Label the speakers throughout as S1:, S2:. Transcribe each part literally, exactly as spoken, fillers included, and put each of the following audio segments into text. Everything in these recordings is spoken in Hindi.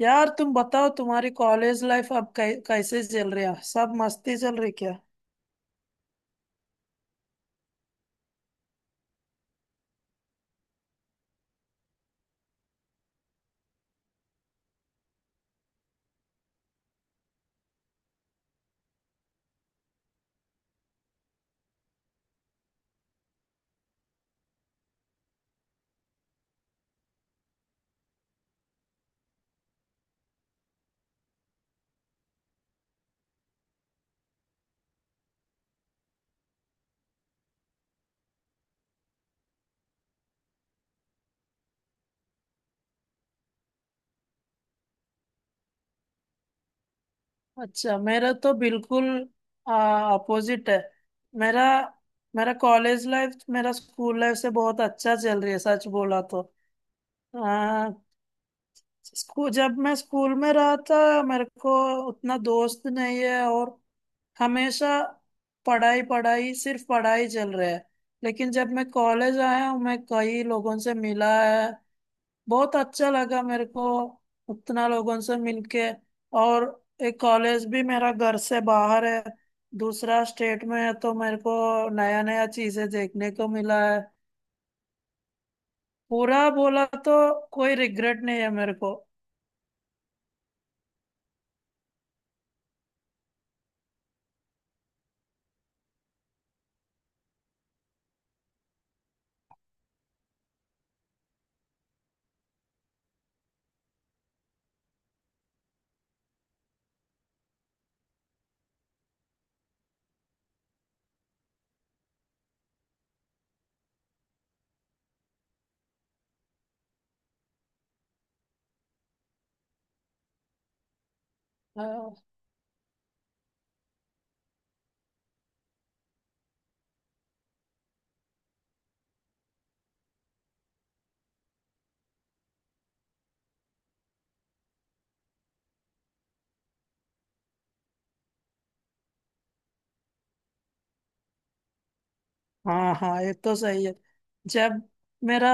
S1: यार तुम बताओ तुम्हारी कॉलेज लाइफ अब कै, कैसे चल रही है? सब मस्ती चल रही क्या? अच्छा, मेरा तो बिल्कुल अपोजिट है। मेरा मेरा कॉलेज लाइफ मेरा स्कूल लाइफ से बहुत अच्छा चल रही है, सच बोला तो। आ, स्कूल, जब मैं स्कूल में रहा था, मेरे को उतना दोस्त नहीं है और हमेशा पढ़ाई पढ़ाई सिर्फ पढ़ाई चल रहा है। लेकिन जब मैं कॉलेज आया हूँ मैं कई लोगों से मिला है। बहुत अच्छा लगा मेरे को उतना लोगों से मिलके। और एक, कॉलेज भी मेरा घर से बाहर है, दूसरा स्टेट में है, तो मेरे को नया नया चीजें देखने को मिला है। पूरा बोला तो कोई रिग्रेट नहीं है मेरे को। हाँ हाँ, ये तो सही है। जब मेरा,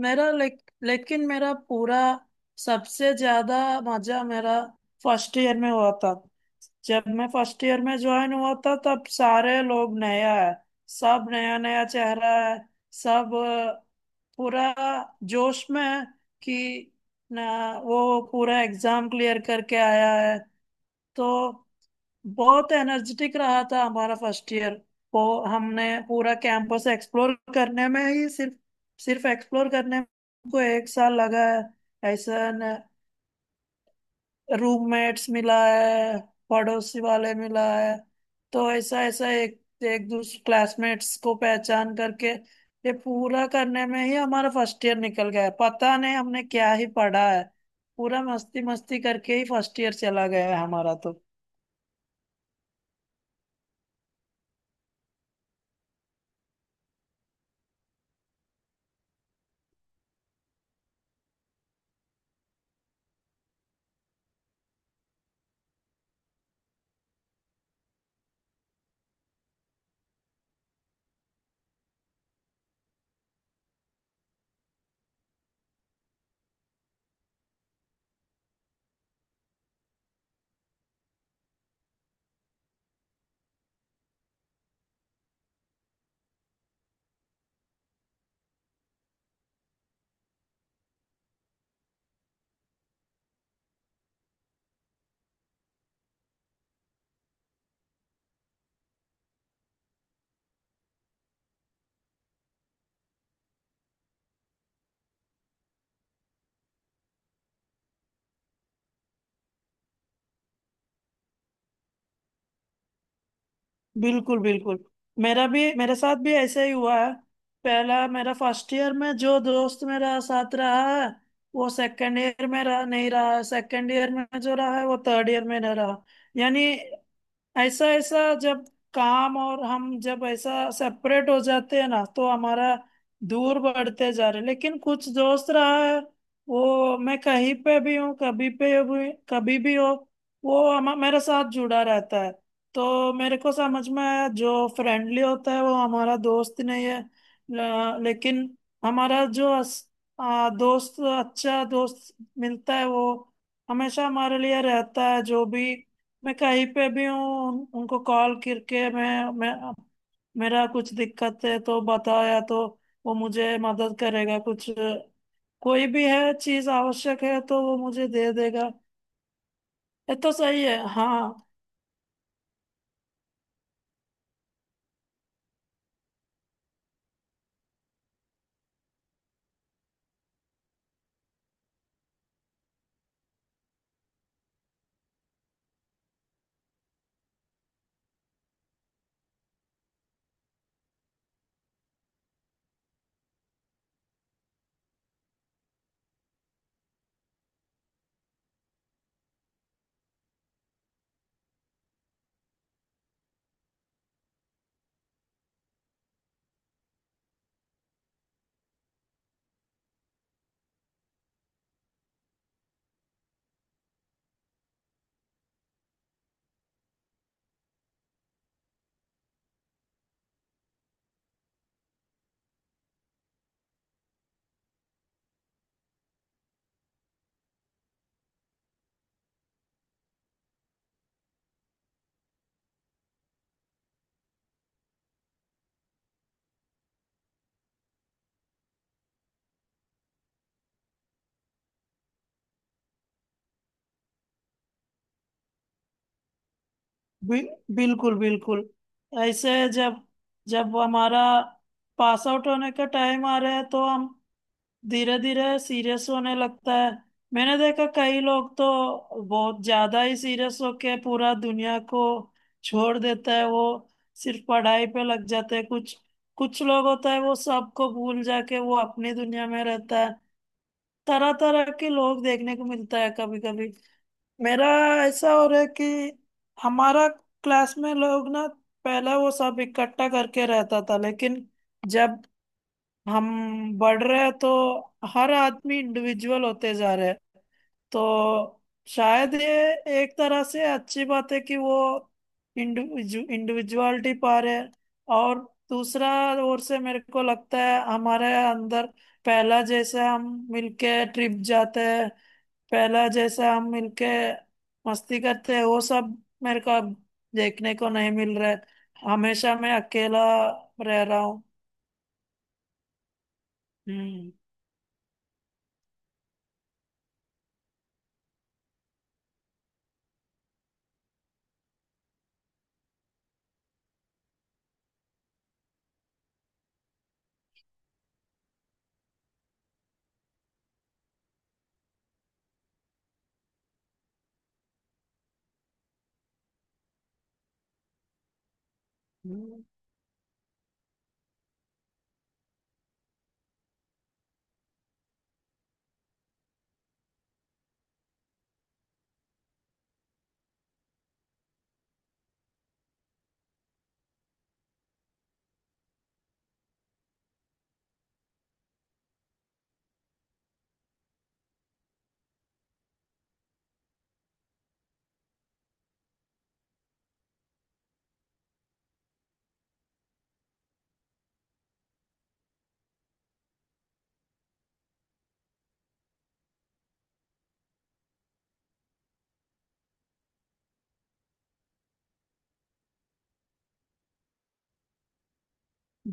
S1: मेरा लेक, लेकिन मेरा पूरा सबसे ज्यादा मजा मेरा फर्स्ट ईयर में हुआ था। जब मैं फर्स्ट ईयर में ज्वाइन हुआ था तब सारे लोग नया है, सब नया नया चेहरा है, सब अ, पूरा जोश में है कि ना वो पूरा एग्जाम क्लियर करके आया है। तो बहुत एनर्जेटिक रहा था हमारा फर्स्ट ईयर। वो हमने पूरा कैंपस एक्सप्लोर करने में ही सिर्फ सिर्फ एक्सप्लोर करने में को एक साल लगा है। ऐसा रूममेट्स मिला है, पड़ोसी वाले मिला है, तो ऐसा ऐसा एक एक दूसरे क्लासमेट्स को पहचान करके ये पूरा करने में ही हमारा फर्स्ट ईयर निकल गया है। पता नहीं हमने क्या ही पढ़ा है। पूरा मस्ती मस्ती करके ही फर्स्ट ईयर चला गया है हमारा तो। बिल्कुल बिल्कुल, मेरा भी, मेरे साथ भी ऐसा ही हुआ है। पहला, मेरा फर्स्ट ईयर में जो दोस्त मेरा साथ रहा है वो सेकंड ईयर में रहा नहीं, रहा सेकंड ईयर में जो रहा है वो थर्ड ईयर में नहीं रहा। यानी ऐसा ऐसा जब काम और हम जब ऐसा सेपरेट हो जाते हैं ना तो हमारा दूर बढ़ते जा रहे। लेकिन कुछ दोस्त रहा है वो, मैं कहीं पे भी हूँ कभी पे भी कभी भी हो, वो हम मेरे साथ जुड़ा रहता है। तो मेरे को समझ में आया जो फ्रेंडली होता है वो हमारा दोस्त नहीं है। ल- लेकिन हमारा जो अस, आ, दोस्त, अच्छा दोस्त मिलता है वो हमेशा हमारे लिए रहता है। जो भी, मैं कहीं पे भी हूँ उन, उनको कॉल करके मैं मैं मेरा कुछ दिक्कत है तो बताया तो वो मुझे मदद करेगा। कुछ कोई भी है, चीज आवश्यक है तो वो मुझे दे देगा। ये तो सही है हाँ। बि, बिल्कुल बिल्कुल। ऐसे जब, जब हमारा पास आउट होने का टाइम आ रहा है तो हम धीरे धीरे सीरियस होने लगता है। मैंने देखा, कई लोग तो बहुत ज्यादा ही सीरियस होके पूरा दुनिया को छोड़ देता है, वो सिर्फ पढ़ाई पे लग जाते हैं। कुछ कुछ लोग होता है वो सबको भूल जाके वो अपनी दुनिया में रहता है। तरह तरह के लोग देखने को मिलता है। कभी कभी मेरा ऐसा हो रहा है कि हमारा क्लास में लोग ना पहले वो सब इकट्ठा करके रहता था, लेकिन जब हम बढ़ रहे हैं तो हर आदमी इंडिविजुअल होते जा रहे हैं। तो शायद ये एक तरह से अच्छी बात है कि वो इंडिविजु इंडिविजुअलिटी पा रहे हैं। और दूसरा ओर से मेरे को लगता है हमारे अंदर पहला जैसे हम मिलके ट्रिप जाते हैं, पहला जैसे हम मिलके मस्ती करते हैं, वो सब मेरे को अब देखने को नहीं मिल रहा है। हमेशा मैं अकेला रह रहा हूँ। हम्म।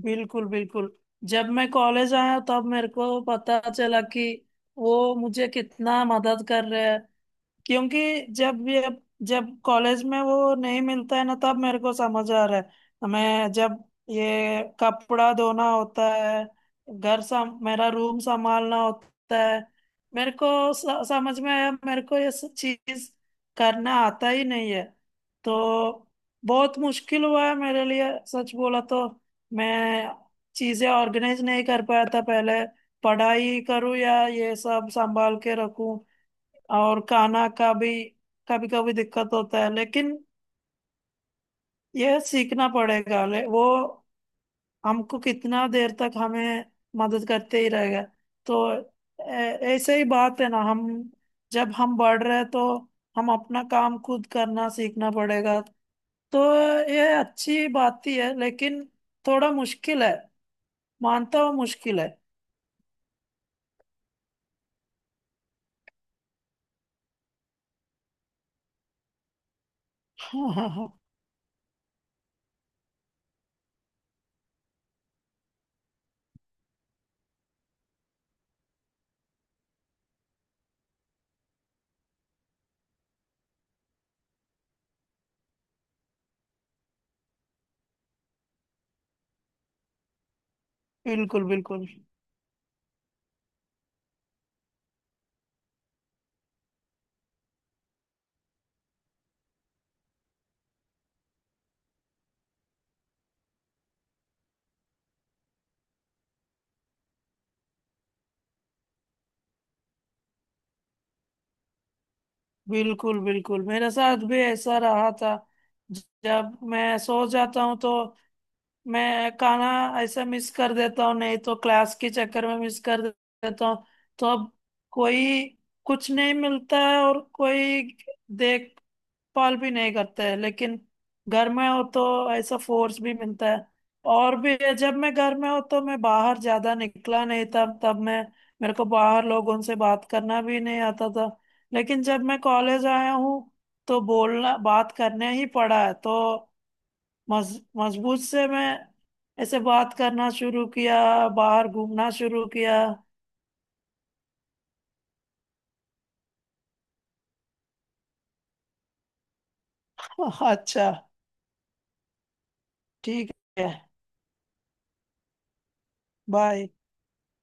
S1: बिल्कुल बिल्कुल। जब मैं कॉलेज आया तब मेरे को पता चला कि वो मुझे कितना मदद कर रहे हैं। क्योंकि जब ये, जब कॉलेज में वो नहीं मिलता है ना तब मेरे को समझ आ रहा है। हमें जब ये कपड़ा धोना होता है, घर सम मेरा रूम संभालना होता है, मेरे को स, समझ में आया मेरे को ये सब चीज करना आता ही नहीं है। तो बहुत मुश्किल हुआ है मेरे लिए, सच बोला तो। मैं चीजें ऑर्गेनाइज नहीं कर पाया था पहले, पढ़ाई करूँ या ये सब संभाल के रखूं। और खाना का भी कभी कभी दिक्कत होता है। लेकिन यह सीखना पड़ेगा, ले, वो हमको कितना देर तक हमें मदद करते ही रहेगा। तो ऐ- ऐसे ही बात है ना। हम जब हम बढ़ रहे हैं, तो हम अपना काम खुद करना सीखना पड़ेगा। तो यह अच्छी बात ही है लेकिन थोड़ा मुश्किल है, मानता हूँ मुश्किल है। बिल्कुल बिल्कुल बिल्कुल बिल्कुल मेरे साथ भी ऐसा रहा था। ज- जब मैं सो जाता हूँ तो मैं खाना ऐसा मिस कर देता हूँ, नहीं तो क्लास के चक्कर में मिस कर देता हूँ। तो अब कोई कुछ नहीं मिलता है और कोई देख पाल भी नहीं करते हैं। लेकिन घर में हो तो ऐसा फोर्स भी मिलता है। और भी, जब मैं घर में हो तो मैं बाहर ज्यादा निकला नहीं, तब तब मैं, मेरे को बाहर लोगों से बात करना भी नहीं आता था। लेकिन जब मैं कॉलेज आया हूँ तो बोलना बात करने ही पड़ा है। तो मज, मजबूत से मैं ऐसे बात करना शुरू किया, बाहर घूमना शुरू किया। अच्छा, ठीक है। बाय।